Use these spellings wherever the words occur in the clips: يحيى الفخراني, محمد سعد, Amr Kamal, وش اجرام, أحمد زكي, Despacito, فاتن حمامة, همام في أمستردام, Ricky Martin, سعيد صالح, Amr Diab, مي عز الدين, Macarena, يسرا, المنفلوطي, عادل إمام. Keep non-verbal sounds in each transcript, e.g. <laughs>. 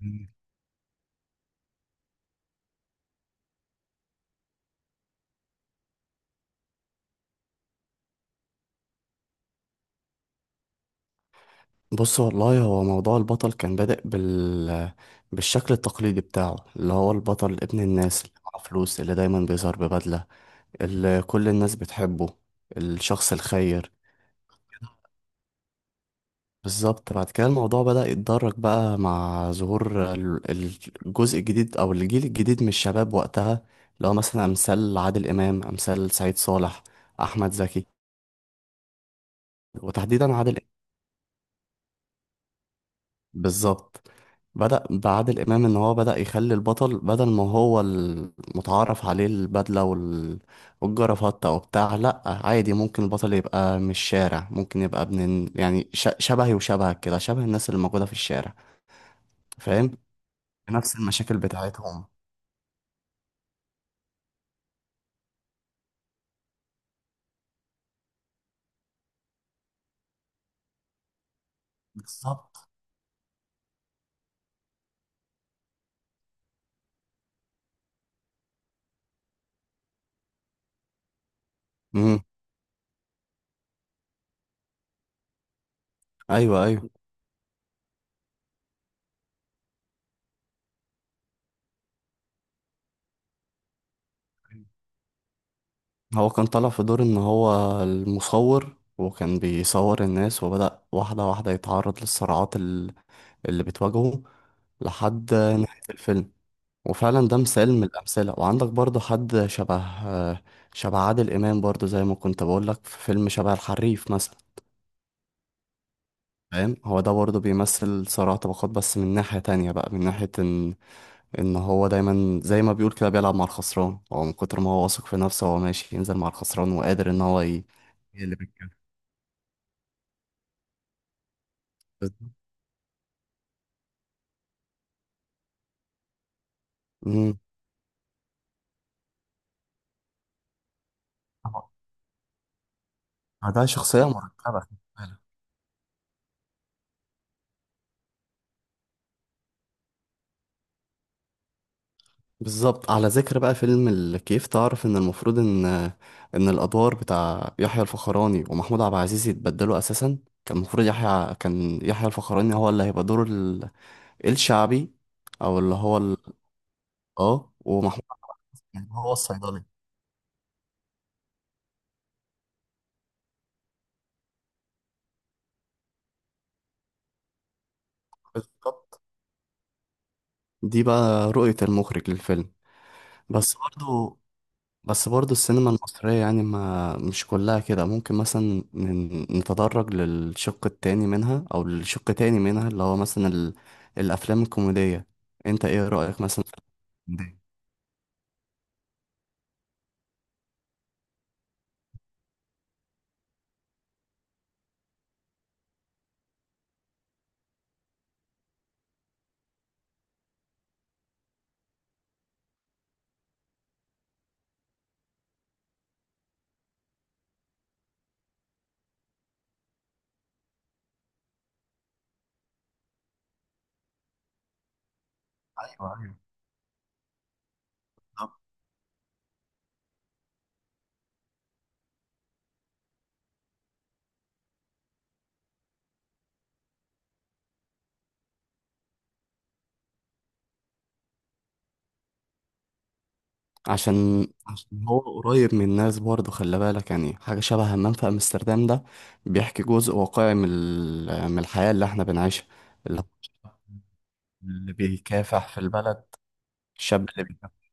مم. بص والله هو موضوع البطل كان بادئ بالشكل التقليدي بتاعه اللي هو البطل ابن الناس اللي معاه فلوس اللي دايما بيظهر ببدلة اللي كل الناس بتحبه، الشخص الخير. بالظبط، بعد كده الموضوع بدأ يتدرج بقى مع ظهور الجزء الجديد أو الجيل الجديد من الشباب وقتها، اللي هو مثلا أمثال عادل إمام، أمثال سعيد صالح، أحمد زكي، وتحديدا عادل. بالظبط، بدأ بعادل إمام إن هو بدأ يخلي البطل بدل ما هو المتعارف عليه البدلة والجرافطة وبتاع، لأ عادي ممكن البطل يبقى من الشارع، ممكن يبقى يعني شبهي وشبهك كده، شبه الناس اللي موجودة في الشارع. فاهم، نفس المشاكل بتاعتهم. بالظبط. امم. أيوه أيوه. هو كان طالع في دور إن هو المصور وكان بيصور الناس وبدأ واحدة واحدة يتعرض للصراعات اللي بتواجهه لحد نهاية الفيلم. وفعلا ده مثال من الأمثلة، وعندك برضو حد شبه عادل إمام برضو، زي ما كنت بقولك، في فيلم شبه الحريف مثلا. فاهم، هو ده برضو بيمثل صراع طبقات، بس من ناحية تانية بقى، من ناحية إن إن هو دايما زي ما بيقول كده بيلعب مع الخسران، هو من كتر ما هو واثق في نفسه هو ماشي ينزل مع الخسران وقادر إن هو هي اللي بتكلم. ده شخصية مركبة. بالظبط. على ذكر بقى فيلم الكيف، تعرف ان المفروض ان ان الادوار بتاع يحيى الفخراني ومحمود عبد العزيز يتبدلوا اساسا. كان المفروض يحيى، كان يحيى الفخراني هو اللي هيبقى دور الشعبي، او اللي هو ال... اه ومحمود عبد العزيز هو الصيدلي. بالظبط. دي بقى رؤية المخرج للفيلم. بس برضو بس برضو السينما المصرية يعني ما مش كلها كده، ممكن مثلا نتدرج للشق التاني منها أو لشق تاني منها، اللي هو مثلا الأفلام الكوميدية. أنت إيه رأيك مثلا في الكوميدية؟ عشان هو قريب من الناس برضو، خلي بالك، يعني حاجة شبه همام في أمستردام ده بيحكي جزء واقعي من من الحياة اللي احنا بنعيشها. اللي هو الشاب اللي بيكافح في البلد، الشاب اللي بيكافح.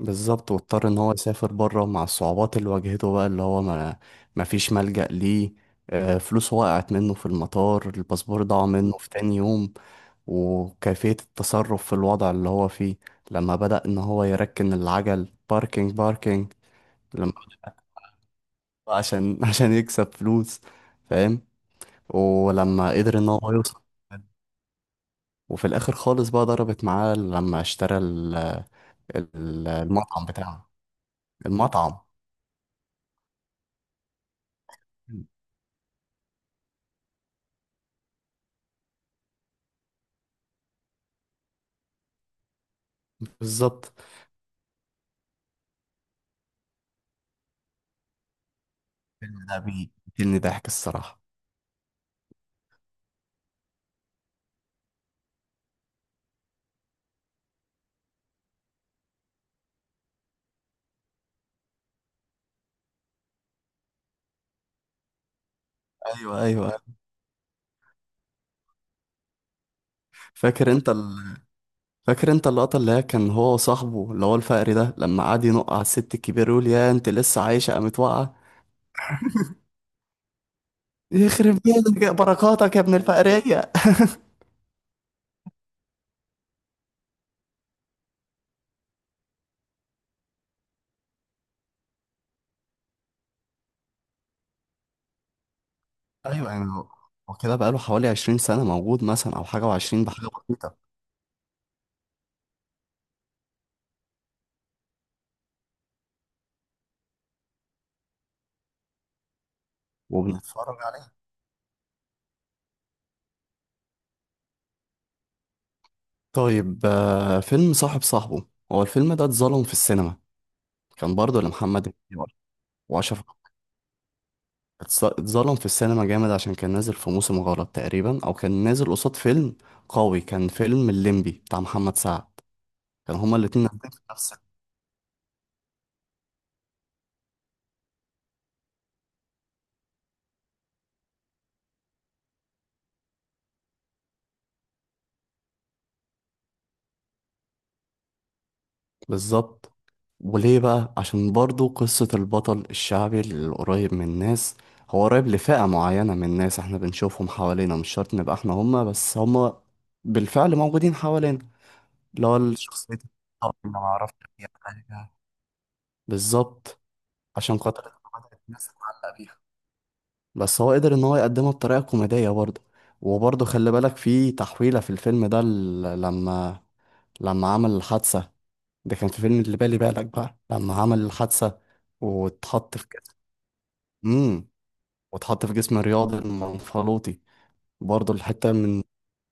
بالظبط، واضطر ان هو يسافر بره مع الصعوبات اللي واجهته بقى، اللي هو ما فيش ملجأ ليه. فلوسه وقعت منه في المطار، الباسبور ضاع منه في تاني يوم، وكيفية التصرف في الوضع اللي هو فيه، لما بدأ ان هو يركن العجل، باركينج باركينج. لما عشان <laughs> عشان يكسب فلوس، فاهم، ولما قدر ان هو يوصل. <laughs> وفي الاخر خالص بقى ضربت معاه لما اشترى المطعم بتاعه. المطعم. بالظبط. الفيلم ده بيقتلني ضحك الصراحة. ايوه ايوه. فاكر وال- انت ال... فاكر انت اللقطة اللي هي كان هو وصاحبه اللي هو الفقري ده، لما قعد ينق على الست الكبيرة يقول يا انت لسه عايشة، قامت واقعة، يخرب بيتك يا بركاتك يا ابن الفقرية. ايوه يعني هو، هو كده بقاله حوالي 20 سنة موجود مثلا او حاجة وعشرين، بحاجة بسيطة. وبنتفرج عليه. طيب. فيلم صاحب صاحبه، هو الفيلم ده اتظلم في السينما، كان برضه لمحمد إمام واشرف. اتظلم في السينما جامد عشان كان نازل في موسم غلط تقريبا، او كان نازل قصاد فيلم قوي، كان فيلم الليمبي بتاع محمد سعد، كان هما الاتنين نازلين في نفس بالظبط. وليه بقى؟ عشان برضو قصة البطل الشعبي القريب من الناس، هو قريب لفئة معينة من الناس احنا بنشوفهم حوالينا، مش شرط نبقى احنا هما، بس هما بالفعل موجودين حوالينا. اللي هو الشخصية اللي معرفش فيها حاجة. بالظبط. عشان خاطر إحنا بدأت الناس تتعلق بيها، بس هو قدر ان هو يقدمها بطريقه كوميديه برضه. وبرضه خلي بالك في تحويله في الفيلم ده، لما عمل الحادثه، ده كان في فيلم اللي بالي بالك بقى، لما عمل الحادثه واتحط في جسم. امم واتحط في جسم رياضي المنفلوطي، برضه الحته من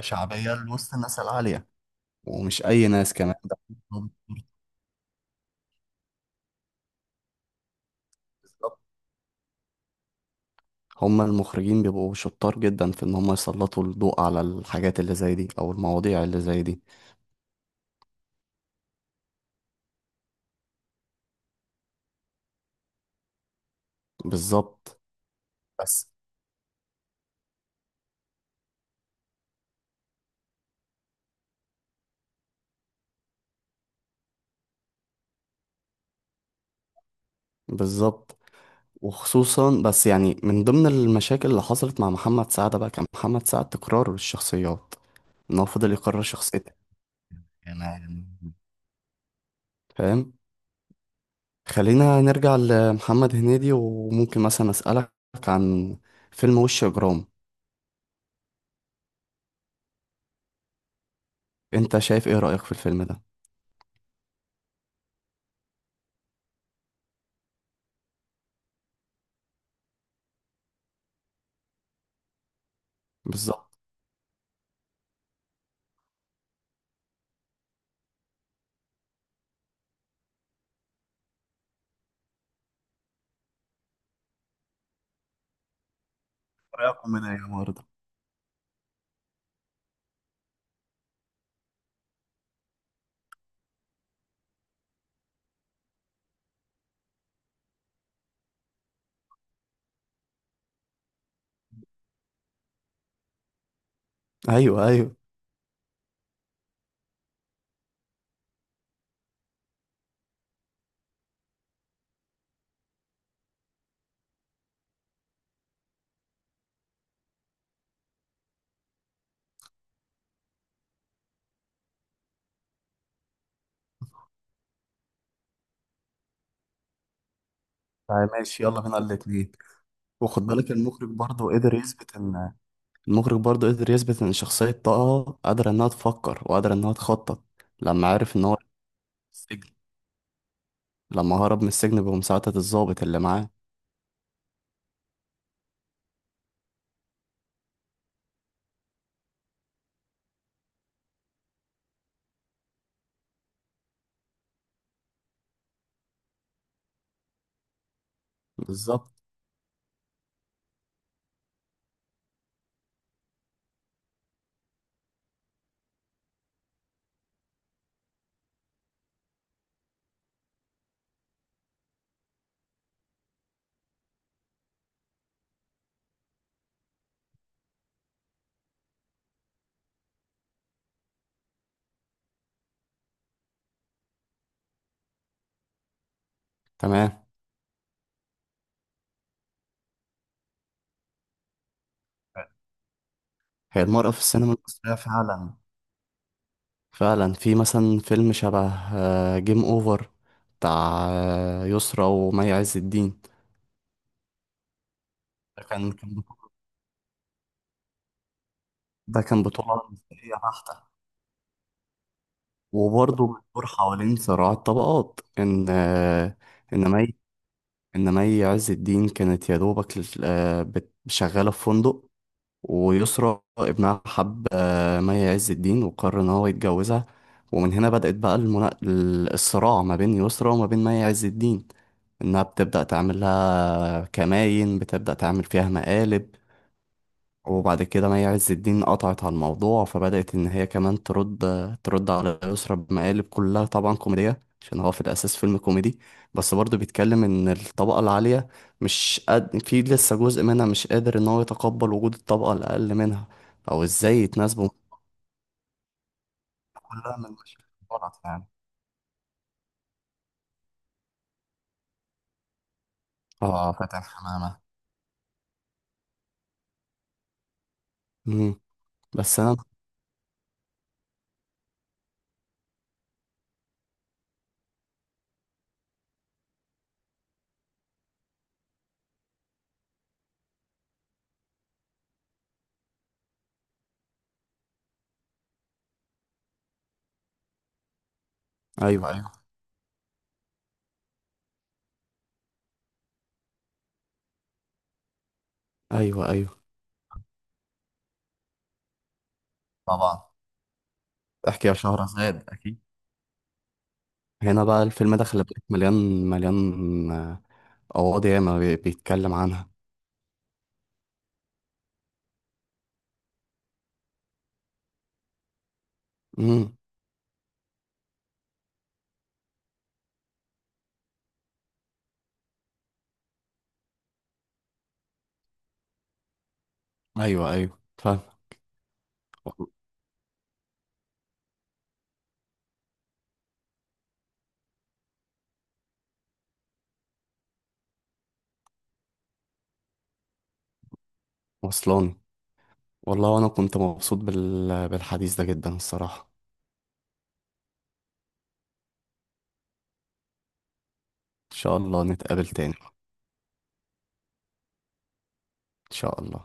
شعبيه لوسط الناس العاليه، ومش اي ناس كمان ده. هم المخرجين بيبقوا شطار جدا في ان هم يسلطوا الضوء على الحاجات اللي زي دي او المواضيع اللي زي دي. بالظبط بس بالظبط وخصوصا، بس يعني من ضمن المشاكل اللي حصلت مع محمد سعد بقى، كان محمد سعد تكرار الشخصيات، ان هو فضل يكرر شخصيته يعني. فاهم. خلينا نرجع لمحمد هنيدي، وممكن مثلا اسألك عن فيلم وش اجرام. انت شايف ايه رأيك في الفيلم ده؟ بالظبط، رأيكم من يا مرضى. ايوه ايوه. طيب ماشي يلا بينا الاتنين. وخد بالك المخرج برضه قدر يثبت ان المخرج برضه قدر يثبت إن شخصية طه قادرة إنها تفكر وقادرة إنها تخطط، لما عرف إن هو السجن، لما هرب من السجن بمساعدة الضابط اللي معاه. بالظبط. تمام. هي المرأة في السينما المصرية فعلا، فعلا في مثلا فيلم شبه جيم أوفر بتاع يسرا ومي عز الدين. ده كان كان بطولة- ده كان بطولة مصرية بحتة. وبرضه بتدور حوالين صراع الطبقات إن آه، إن مي إنما هي عز الدين كانت يا دوبك شغالة في فندق، ويسرى ابنها حب مي عز الدين وقرر إن هو يتجوزها. ومن هنا بدأت بقى الصراع ما بين يسرى وما بين مي عز الدين، إنها بتبدأ تعمل لها كماين، بتبدأ تعمل فيها مقالب. وبعد كده مي عز الدين قطعت على الموضوع، فبدأت إن هي كمان ترد، ترد على يسرا بمقالب كلها طبعا كوميدية عشان هو في الأساس فيلم كوميدي. بس برضه بيتكلم إن الطبقة العالية مش قد في، لسه جزء منها مش قادر إن هو يتقبل وجود الطبقة الأقل منها، أو إزاي يتناسبوا، كلها من مشاكل غلط يعني. اه، فاتن حمامة. مم. بس أنا. أيوه أيوه. أيوه أيوه. طبعا. احكي يا شهرزاد، أكيد. هنا بقى الفيلم ده خلي بالك مليان، مليان قواضي ياما بيتكلم عنها. امم. ايوه ايوه، فاهم. وصلاني. والله وانا كنت مبسوط بالحديث ده جدا الصراحة. ان شاء الله نتقابل تاني. ان شاء الله.